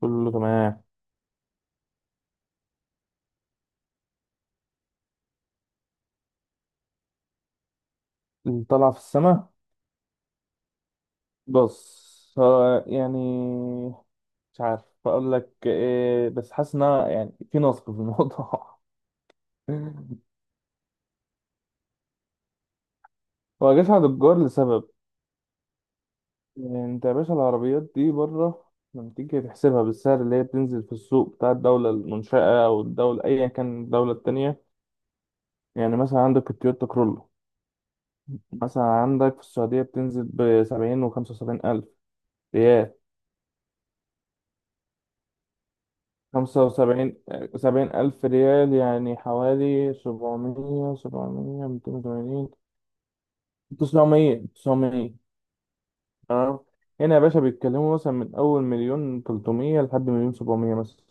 كله تمام. اللي طالع في السماء. بص، هو يعني مش عارف اقول لك ايه، بس حاسس ان أنا يعني في نصب في الموضوع. هو جشع دجار لسبب. يعني انت يا باشا، العربيات دي بره لما تيجي تحسبها بالسعر اللي هي بتنزل في السوق بتاع الدولة المنشأة أو الدولة، أيا كان الدولة التانية. يعني مثلا عندك التويوتا كرولو، مثلا عندك في السعودية بتنزل بسبعين وخمسة وسبعين ألف ريال. خمسة وسبعين، سبعين ألف ريال، يعني حوالي سبعمية ميتين وتمانين، تسعمية. تمام. هنا يا باشا بيتكلموا مثلا من أول مليون تلتمية لحد مليون سبعمية مثلا.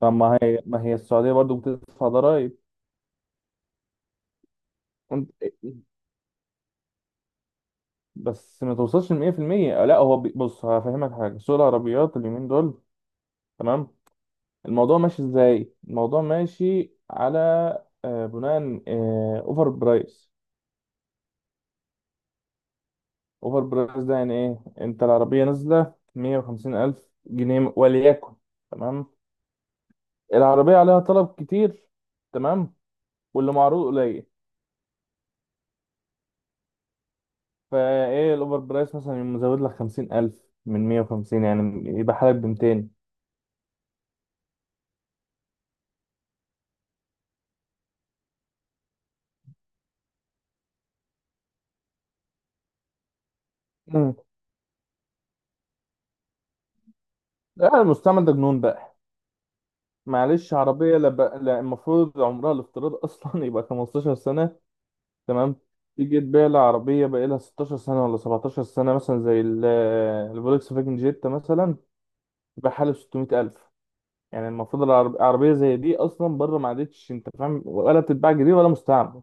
طب ما هي السعودية برضو بتدفع ضرايب؟ وانت- بس ما توصلش لمية في المية، لا هو بص هفهمك حاجة. سوق العربيات اليومين دول، تمام، الموضوع ماشي ازاي؟ الموضوع ماشي على بناء اوفر برايس. اوفر برايس ده يعني ايه؟ انت العربيه نازله 150 الف جنيه وليكن، تمام، العربيه عليها طلب كتير، تمام، واللي معروض قليل، فايه الاوفر برايس مثلا يقوم مزود لك 50 الف. من 150 يعني يبقى حالك ب 200. امم لا، المستعمل ده جنون بقى. معلش، عربيه لا بقى، لا، المفروض عمرها الافتراضي اصلا يبقى 15 سنه، تمام. تيجي تبيع لي عربيه بقى لها 16 سنه ولا 17 سنه، مثلا زي الفولكس فاجن جيتا مثلا بحاله 600000. يعني المفروض العربية زي دي أصلا بره ما عادتش، أنت فاهم، ولا بتتباع جديد ولا مستعمل.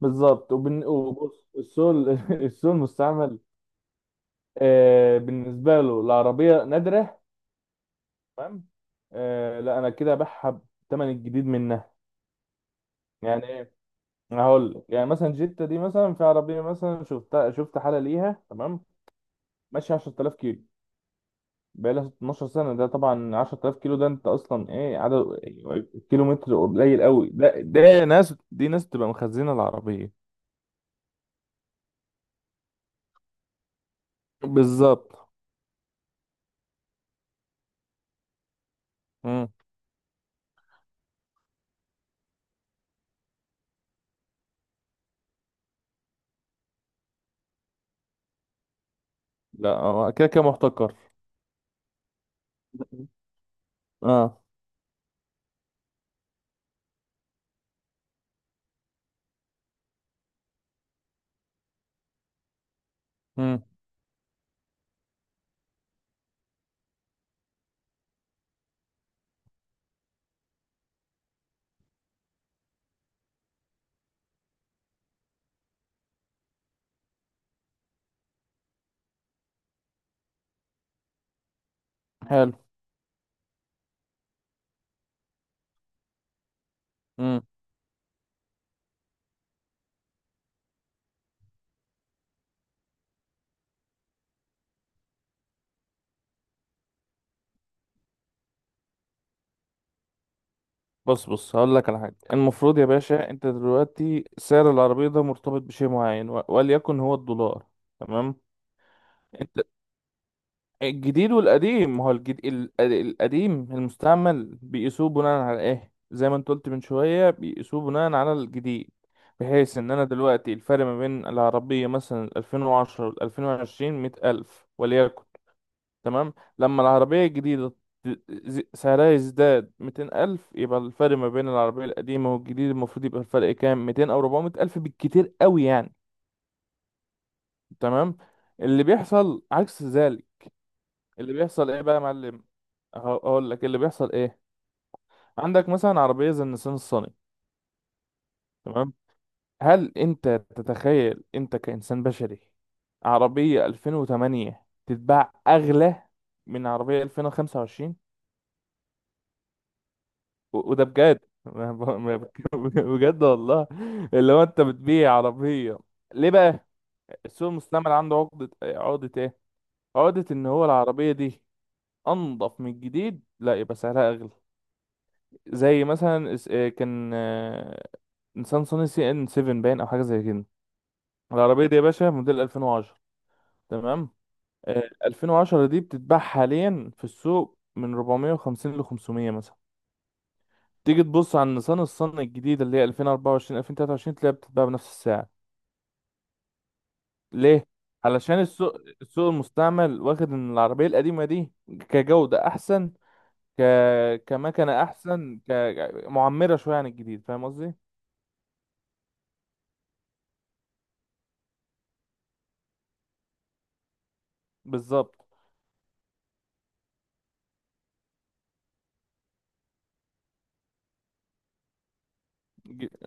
بالظبط. وبص، السوق السوق المستعمل بالنسبة له العربية نادرة، تمام. لا، أنا كده أبيعها بالثمن الجديد منها. يعني إيه؟ أنا هقول لك. يعني مثلا جيتا دي، مثلا في عربية مثلا شفتها، شفت حالة ليها تمام، ماشية 10000 كيلو بقالها 12 سنة. ده طبعا 10000 كيلو، ده انت اصلا ايه؟ عدد كيلو متر قليل قوي. ده ناس بتبقى مخزنة العربية. بالظبط. مم. لا، هو كده كده محتكر. اه. مم. حلو. مم. بص هقول لك على حاجة. المفروض يا باشا انت دلوقتي سعر العربية ده مرتبط بشيء معين، وليكن هو الدولار، تمام. انت الجديد والقديم، ما هو القديم المستعمل بيقيسوه بناء على ايه؟ زي ما انت قلت من شوية، بيقيسوه بناء على الجديد. بحيث ان انا دلوقتي الفرق ما بين العربية مثلا 2010 وال 2020 مية ألف وليكن، تمام. لما العربية الجديدة سعرها يزداد ميتين ألف، يبقى الفرق ما بين العربية القديمة والجديد المفروض يبقى الفرق كام؟ ميتين أو ربعمية ألف بالكتير قوي يعني، تمام. اللي بيحصل عكس ذلك. اللي بيحصل ايه بقى يا معلم؟ هقول لك اللي بيحصل ايه. عندك مثلا عربيه زي النسان الصني، تمام. هل انت تتخيل انت كانسان بشري عربيه 2008 تتباع اغلى من عربيه 2025؟ وده بجد. ما ب- ما بك- بجد والله. اللي هو انت بتبيع عربيه، ليه بقى؟ السوق المستعمل عنده عقده، عقده ايه؟ عقده ان هو العربيه دي انضف من الجديد، لا يبقى سعرها اغلى. زي مثلا اس- آه، كان آه، نيسان صني سي ان 7 باين او حاجه زي كده. العربيه دي يا باشا موديل 2010، تمام. 2010 دي بتتباع حاليا في السوق من 450 ل 500 مثلا. تيجي تبص على نيسان الصني الجديده اللي هي 2024 2023، تلاقيها بتتباع بنفس السعر. ليه؟ علشان السوق، السوق المستعمل واخد ان العربيه القديمه دي كجوده احسن، ك كمكنه احسن، كمعمره شويه عن الجديد، فاهم قصدي؟ بالظبط. ج-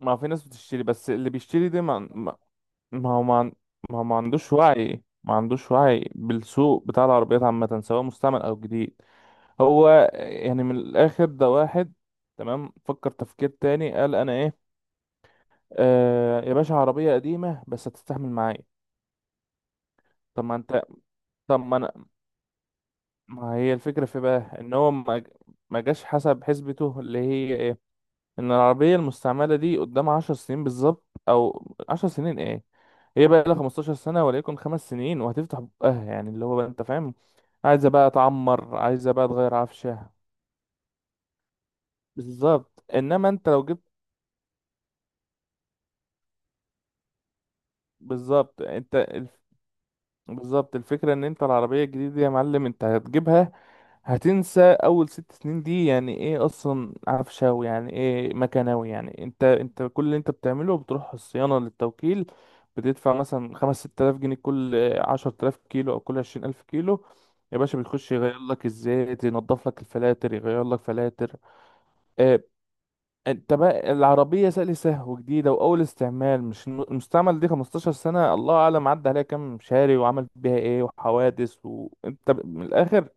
ما في ناس بتشتري، بس اللي بيشتري ده ما هو ما هو ما عندوش وعي، ما عندوش وعي بالسوق بتاع العربيات عامة، سواء مستعمل أو جديد. هو يعني من الآخر ده واحد، تمام، فكر تفكير تاني، قال أنا إيه؟ يا باشا عربية قديمة بس هتستحمل معايا. طب ما أنت طب ما أنا ما هي الفكرة في بقى إن هو ما جاش حسب حسبته، اللي هي ان العربية المستعملة دي قدام عشر سنين بالظبط، او عشر سنين، ايه؟ هي بقى لها 15 سنة وليكن خمس سنين وهتفتح بقها، يعني اللي هو بقى، انت فاهم، عايزة بقى تعمر، عايزة بقى تغير عفشها. بالظبط، انما انت لو جبت. بالظبط، بالظبط، الفكرة ان انت العربية الجديدة دي يا معلم، انت هتجيبها هتنسى اول ست سنين دي، يعني ايه اصلا عفشاوي، يعني ايه مكناوي، يعني انت كل اللي انت بتعمله بتروح الصيانة للتوكيل، بتدفع مثلا خمس ست الاف جنيه كل عشر تلاف كيلو او كل عشرين الف كيلو. يا باشا بيخش يغير لك الزيت، ينضف لك الفلاتر، يغير لك فلاتر. اه. انت بقى العربية سأل سهو وجديدة واول استعمال، مش المستعمل دي 15 سنة الله اعلم عدى عليها كام شاري وعمل بيها ايه وحوادث، وانت من الاخر.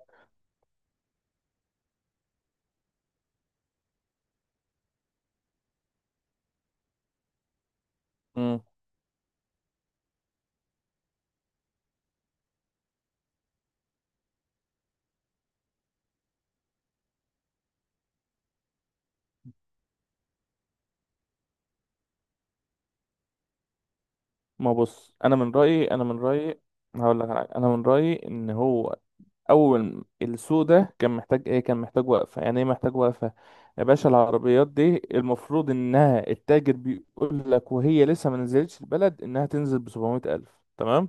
ما بص، انا من رايي هقول لك على حاجه. انا من رايي ان هو اول السوق ده كان محتاج ايه؟ كان محتاج وقفه. يعني ايه محتاج وقفه؟ يا باشا العربيات دي المفروض انها التاجر بيقول لك وهي لسه ما نزلتش البلد انها تنزل ب 700000، تمام.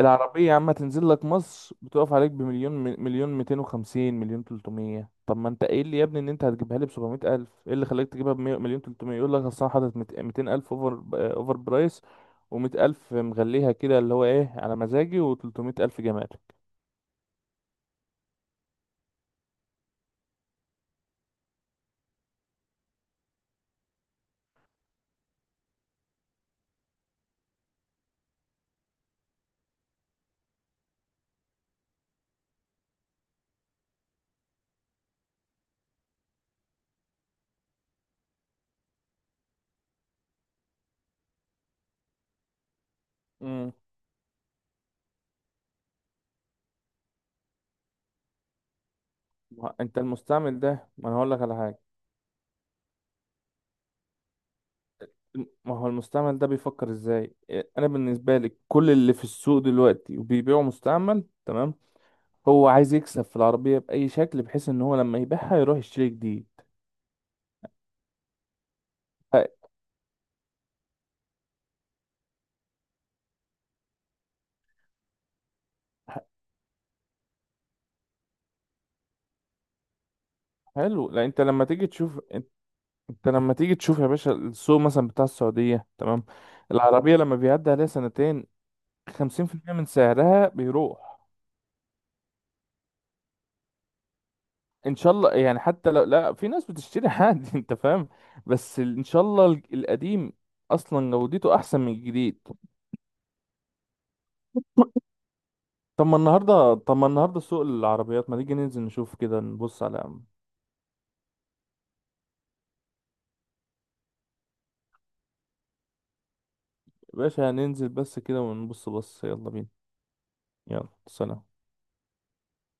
العربية عم تنزل لك مصر بتقف عليك بمليون، مليون 250، مليون 300. طب ما انت قايل لي يا ابني ان انت هتجيبها لي ب 700 الف، ايه اللي خلاك تجيبها ب 100 مليون 300؟ يقول لك اصل انا حاطط 200 الف اوفر، اوفر برايس، و100 الف مغليها كده اللي هو ايه على مزاجي، و300 الف جمال. امم ما هو انت المستعمل ده ما انا هقول لك على حاجه. ما هو المستعمل ده بيفكر ازاي؟ انا بالنسبه لي كل اللي في السوق دلوقتي وبيبيعوا مستعمل، تمام، هو عايز يكسب في العربية بأي شكل بحيث ان هو لما يبيعها يروح يشتري جديد. ح- حلو. لا انت لما تيجي تشوف انت، انت لما تيجي تشوف يا باشا السوق مثلا بتاع السعودية، تمام. العربية لما بيعدي عليها سنتين، خمسين في المية من سعرها بيروح. ان شاء الله يعني، حتى لو لا، في ناس بتشتري عادي. انت فاهم، بس ان شاء الله القديم اصلا جودته احسن من الجديد. طب ما النهارده سوق العربيات، ما نيجي ننزل نشوف كده؟ نبص على، يا باشا هننزل بس كده ونبص. بص يلا بينا. يلا سلام.